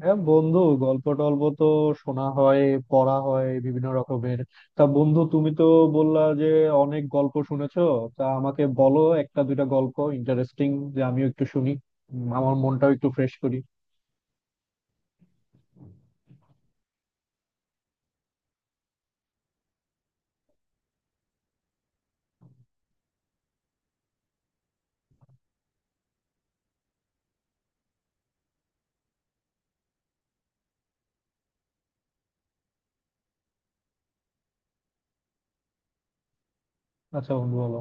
হ্যাঁ বন্ধু, গল্প টল্প তো শোনা হয়, পড়া হয় বিভিন্ন রকমের। তা বন্ধু, তুমি তো বললা যে অনেক গল্প শুনেছো। তা আমাকে বলো একটা দুইটা গল্প ইন্টারেস্টিং, যে আমিও একটু শুনি, আমার মনটাও একটু ফ্রেশ করি। আচ্ছা বন্ধু, বলো।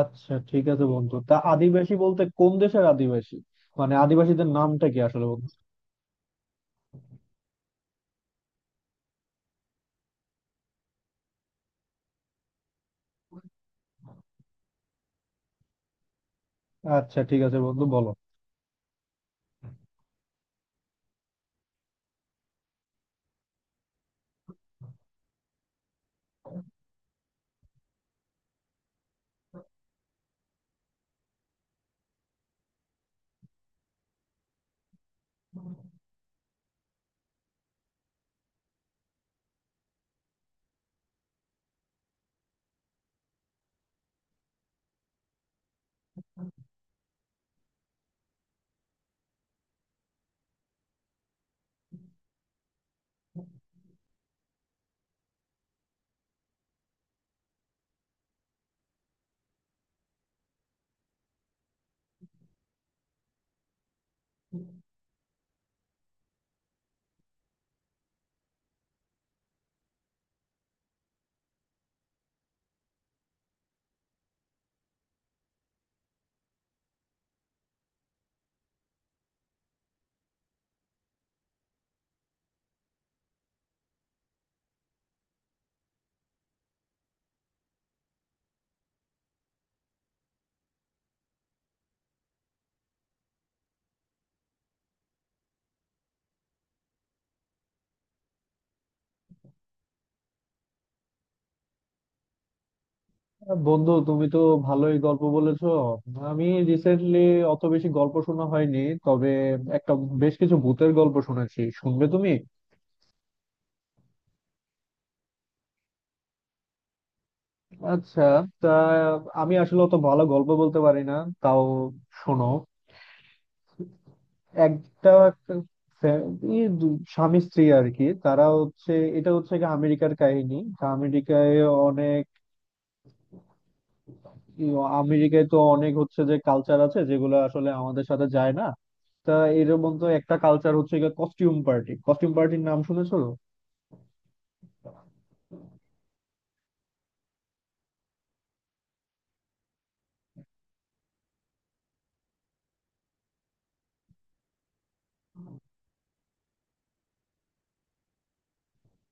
আচ্ছা ঠিক আছে বন্ধু, তা আদিবাসী বলতে কোন দেশের আদিবাসী? মানে আদিবাসীদের নামটা কি আসলে বন্ধু? আচ্ছা ঠিক আছে বন্ধু, বলো। বন্ধু, তুমি তো ভালোই গল্প বলেছো। আমি রিসেন্টলি অত বেশি গল্প শোনা হয়নি, তবে একটা, বেশ কিছু ভূতের গল্প শুনেছি। শুনবে তুমি? আচ্ছা, তা আমি আসলে অত ভালো গল্প বলতে পারি না, তাও শোনো। একটা ফ্যা- স্বামী স্ত্রী আর কি, তারা হচ্ছে, এটা হচ্ছে কি আমেরিকার কাহিনী। তা আমেরিকায় অনেক, আমেরিকায় তো অনেক হচ্ছে যে কালচার আছে যেগুলো আসলে আমাদের সাথে যায় না। তা এর মধ্যে একটা কালচার হচ্ছে কস্টিউম পার্টি। কস্টিউম পার্টির নাম শুনেছো?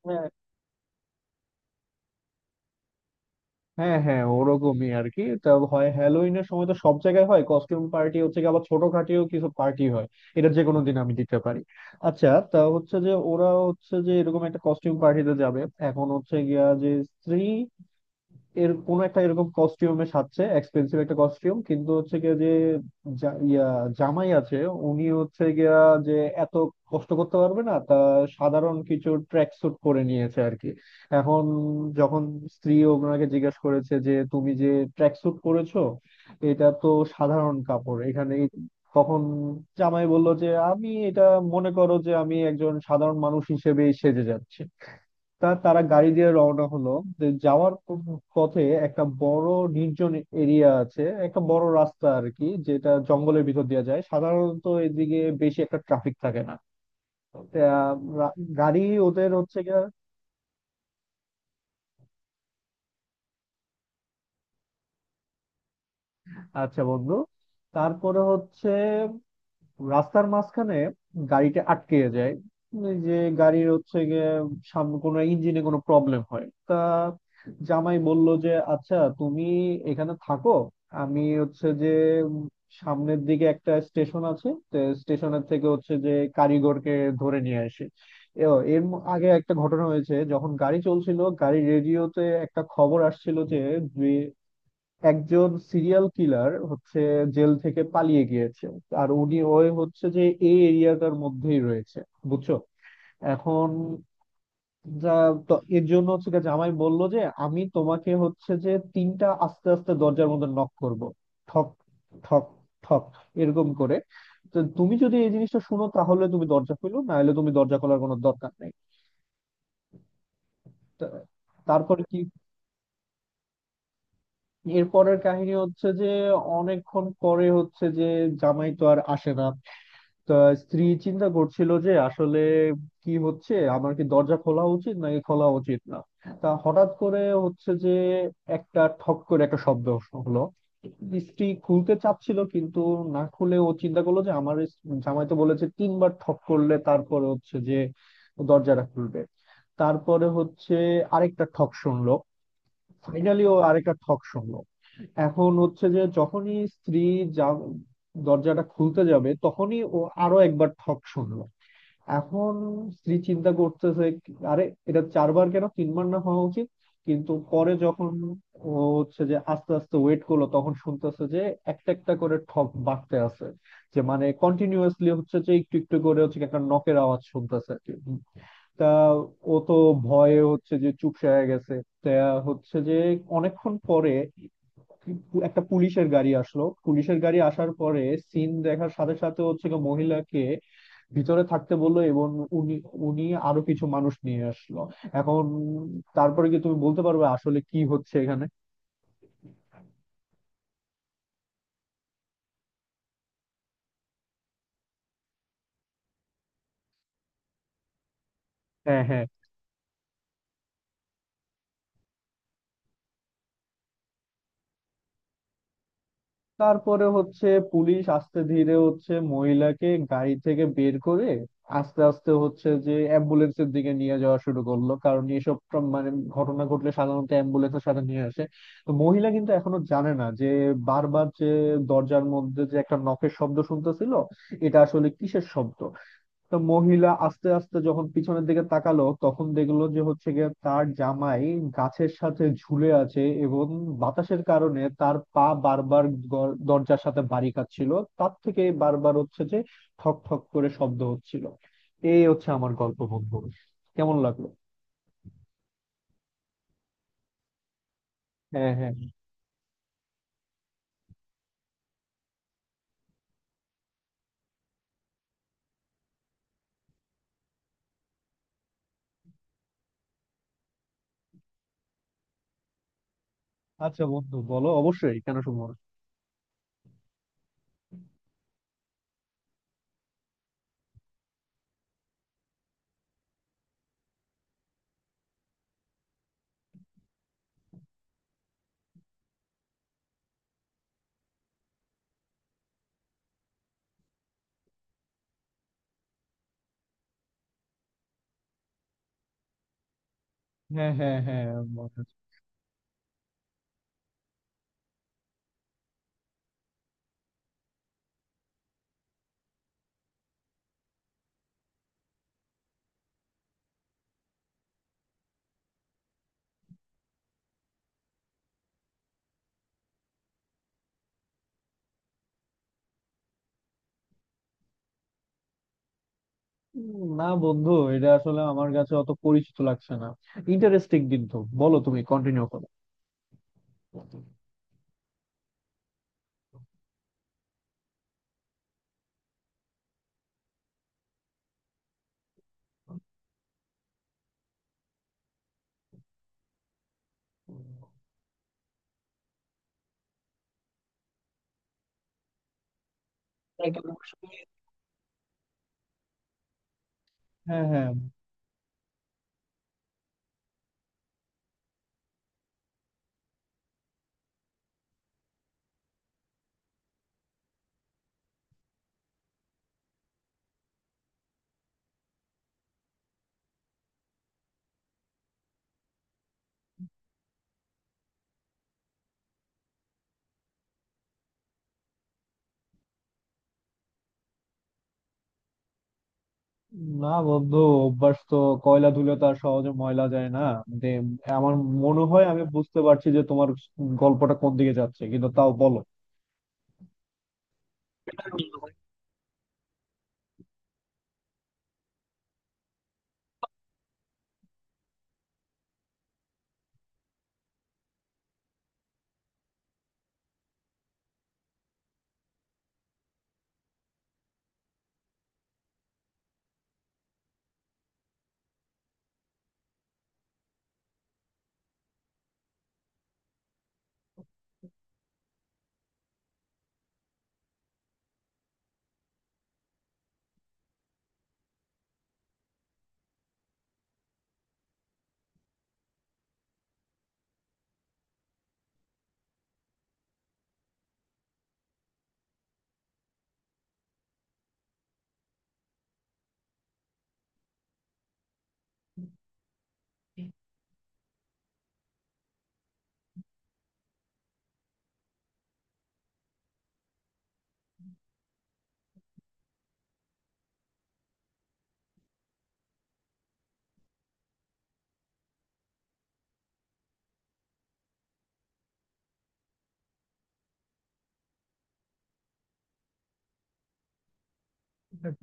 হ্যাঁ, হ্যাঁ, হ্যাঁ, ওরকমই আর কি। তা হয় হ্যালোইনের সময়, তো সব জায়গায় হয় কস্টিউম পার্টি হচ্ছে গিয়ে, আবার ছোটখাটিও কিছু পার্টি হয়। এটা যে কোনো দিন আমি দিতে পারি। আচ্ছা, তা হচ্ছে যে ওরা হচ্ছে যে এরকম একটা কস্টিউম পার্টিতে যাবে। এখন হচ্ছে গিয়া যে স্ত্রী এর কোন একটা এরকম কস্টিউমে সাজছে, এক্সপেন্সিভ একটা কস্টিউম। কিন্তু হচ্ছে গিয়ে যে জা- ইয়া জামাই আছে, উনি হচ্ছে গিয়া যে এত কষ্ট করতে পারবে না। তা সাধারণ কিছু ট্র্যাক স্যুট পরে নিয়েছে আর কি। এখন যখন স্ত্রী ওনাকে জিজ্ঞেস করেছে যে তুমি যে ট্র্যাক স্যুট পরেছো, এটা তো সাধারণ কাপড় এখানে তখন জামাই বলল যে আমি এটা, মনে করো যে আমি একজন সাধারণ মানুষ হিসেবেই সেজে যাচ্ছি। তা তারা গাড়ি দিয়ে রওনা হলো, যে যাওয়ার পথে একটা বড় নির্জন এরিয়া আছে, একটা বড় রাস্তা আর কি, যেটা জঙ্গলের ভিতর দিয়ে যায়। সাধারণত এদিকে বেশি একটা ট্রাফিক থাকে না। তা, রা- গাড়ি ওদের হচ্ছে গিয়ে, আচ্ছা বন্ধু, তারপরে হচ্ছে রাস্তার মাঝখানে গাড়িটা আটকে যায়। এই যে গাড়ির হচ্ছে গিয়ে সামনে কোনো ইঞ্জিনে কোনো প্রবলেম হয়। তা জামাই বলল যে আচ্ছা তুমি এখানে থাকো, আমি হচ্ছে যে, উম, সামনের দিকে একটা স্টেশন আছে, স্টেশনের থেকে হচ্ছে যে কারিগরকে ধরে নিয়ে আসি। এও আগে একটা ঘটনা হয়েছে, যখন গাড়ি চলছিল গাড়ি রেডিওতে একটা খবর আসছিল যে একজন সিরিয়াল কিলার হচ্ছে জেল থেকে পালিয়ে গিয়েছে, আর উনি ওই হচ্ছে যে এই এরিয়াটার মধ্যেই রয়েছে, বুঝছো। এখন যা, তো এর জন্য হচ্ছে কি জামাই বললো যে আমি তোমাকে হচ্ছে যে তিনটা আস্তে আস্তে দরজার মধ্যে নক করব। ঠক, ঠক, ঠক, এরকম করে। তো তুমি যদি এই জিনিসটা শুনো তাহলে তুমি দরজা খুলো, না হলে তুমি দরজা খোলার কোনো দরকার নেই। তো তারপরে কি, এরপরের কাহিনী হচ্ছে যে অনেকক্ষণ পরে হচ্ছে যে জামাই তো আর আসে না। তা স্ত্রী চিন্তা করছিল যে আসলে কি হচ্ছে, আমার কি দরজা খোলা উচিত নাকি খোলা উচিত না। তা হঠাৎ করে হচ্ছে যে একটা ঠক করে একটা শব্দ হলো। স্ত্রী খুলতে চাচ্ছিল কিন্তু না খুলে ও চিন্তা করলো যে আমার এই জামাই তো বলেছে তিনবার ঠক করলে তারপরে হচ্ছে যে দরজাটা খুলবে। তারপরে হচ্ছে আরেকটা ঠক শুনলো, ফাইনালি ও আরেকটা ঠক শুনলো। এখন হচ্ছে যে যখনই স্ত্রী যা দরজাটা খুলতে যাবে তখনই ও আরো একবার ঠক শুনলো। এখন স্ত্রী চিন্তা করতেছে আরে, এটা চারবার কেন, তিনবার না হওয়া উচিত? কিন্তু পরে যখন ও হচ্ছে যে আস্তে আস্তে ওয়েট করলো, তখন শুনতেছে যে একটা একটা করে ঠক বাড়তে আছে। যে মানে কন্টিনিউয়াসলি হচ্ছে যে একটু একটু করে হচ্ছে কি একটা নকের আওয়াজ শুনতেছে আর কি। তা ও তো ভয়ে হচ্ছে যে চুপসে হয়ে গেছে। তা হচ্ছে যে অনেকক্ষণ পরে একটা পুলিশের গাড়ি আসলো। পুলিশের গাড়ি আসার পরে সিন দেখার সাথে সাথে হচ্ছে গিয়ে মহিলাকে ভিতরে থাকতে বললো, এবং উনি, উনি আরো কিছু মানুষ নিয়ে আসলো। এখন তারপরে কি তুমি বলতে পারবে আসলে কি হচ্ছে এখানে? হ্যাঁ, হ্যাঁ, তারপরে হচ্ছে পুলিশ আস্তে ধীরে হচ্ছে মহিলাকে গাড়ি থেকে বের করে আস্তে আস্তে হচ্ছে যে অ্যাম্বুলেন্সের দিকে নিয়ে যাওয়া শুরু করলো, কারণ এসব মানে ঘটনা ঘটলে সাধারণত অ্যাম্বুলেন্সের সাথে নিয়ে আসে। তো মহিলা কিন্তু এখনো জানে না যে বারবার যে দরজার মধ্যে যে একটা নখের শব্দ শুনতেছিল, এটা আসলে কিসের শব্দ। তো মহিলা আস্তে আস্তে যখন পিছনের দিকে তাকালো তখন দেখলো যে হচ্ছে গিয়ে তার জামাই গাছের সাথে ঝুলে আছে, এবং বাতাসের কারণে তার পা বারবার দরজার সাথে বাড়ি খাচ্ছিল। তার থেকে বারবার হচ্ছে যে ঠক ঠক করে শব্দ হচ্ছিল। এই হচ্ছে আমার গল্প বন্ধু, কেমন লাগলো? হ্যাঁ, হ্যাঁ। আচ্ছা বন্ধু, বলো, অবশ্যই, কেন শুনবো না? হ্যাঁ, হ্যাঁ, হ্যাঁ, মনে আছে। না বন্ধু, এটা আসলে আমার কাছে অত পরিচিত লাগছে না। ইন্টারেস্টিং, কিন্তু বলো, তুমি কন্টিনিউ করো। হ্যাঁ, হ্যাঁ। না বন্ধু, অভ্যাস তো, কয়লা ধুলে তো আর সহজে ময়লা যায় না। মানে, আমার মনে হয় আমি বুঝতে পারছি যে তোমার গল্পটা কোন দিকে যাচ্ছে, কিন্তু তাও বলো।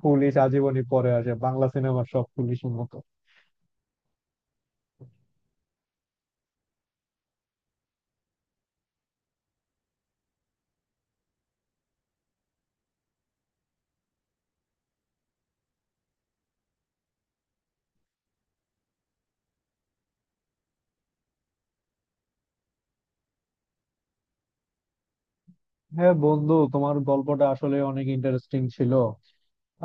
পুলিশ আজীবনই পরে আসে বাংলা সিনেমার সব পুলিশের মতো। হ্যাঁ বন্ধু, তোমার গল্পটা আসলে অনেক ইন্টারেস্টিং ছিল।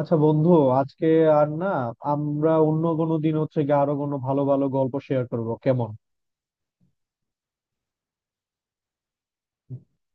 আচ্ছা বন্ধু, আজকে আর না। আমরা অন্য কোনো দিন হচ্ছে গিয়ে আরো কোনো ভালো ভালো গল্প শেয়ার করবো, কেমন?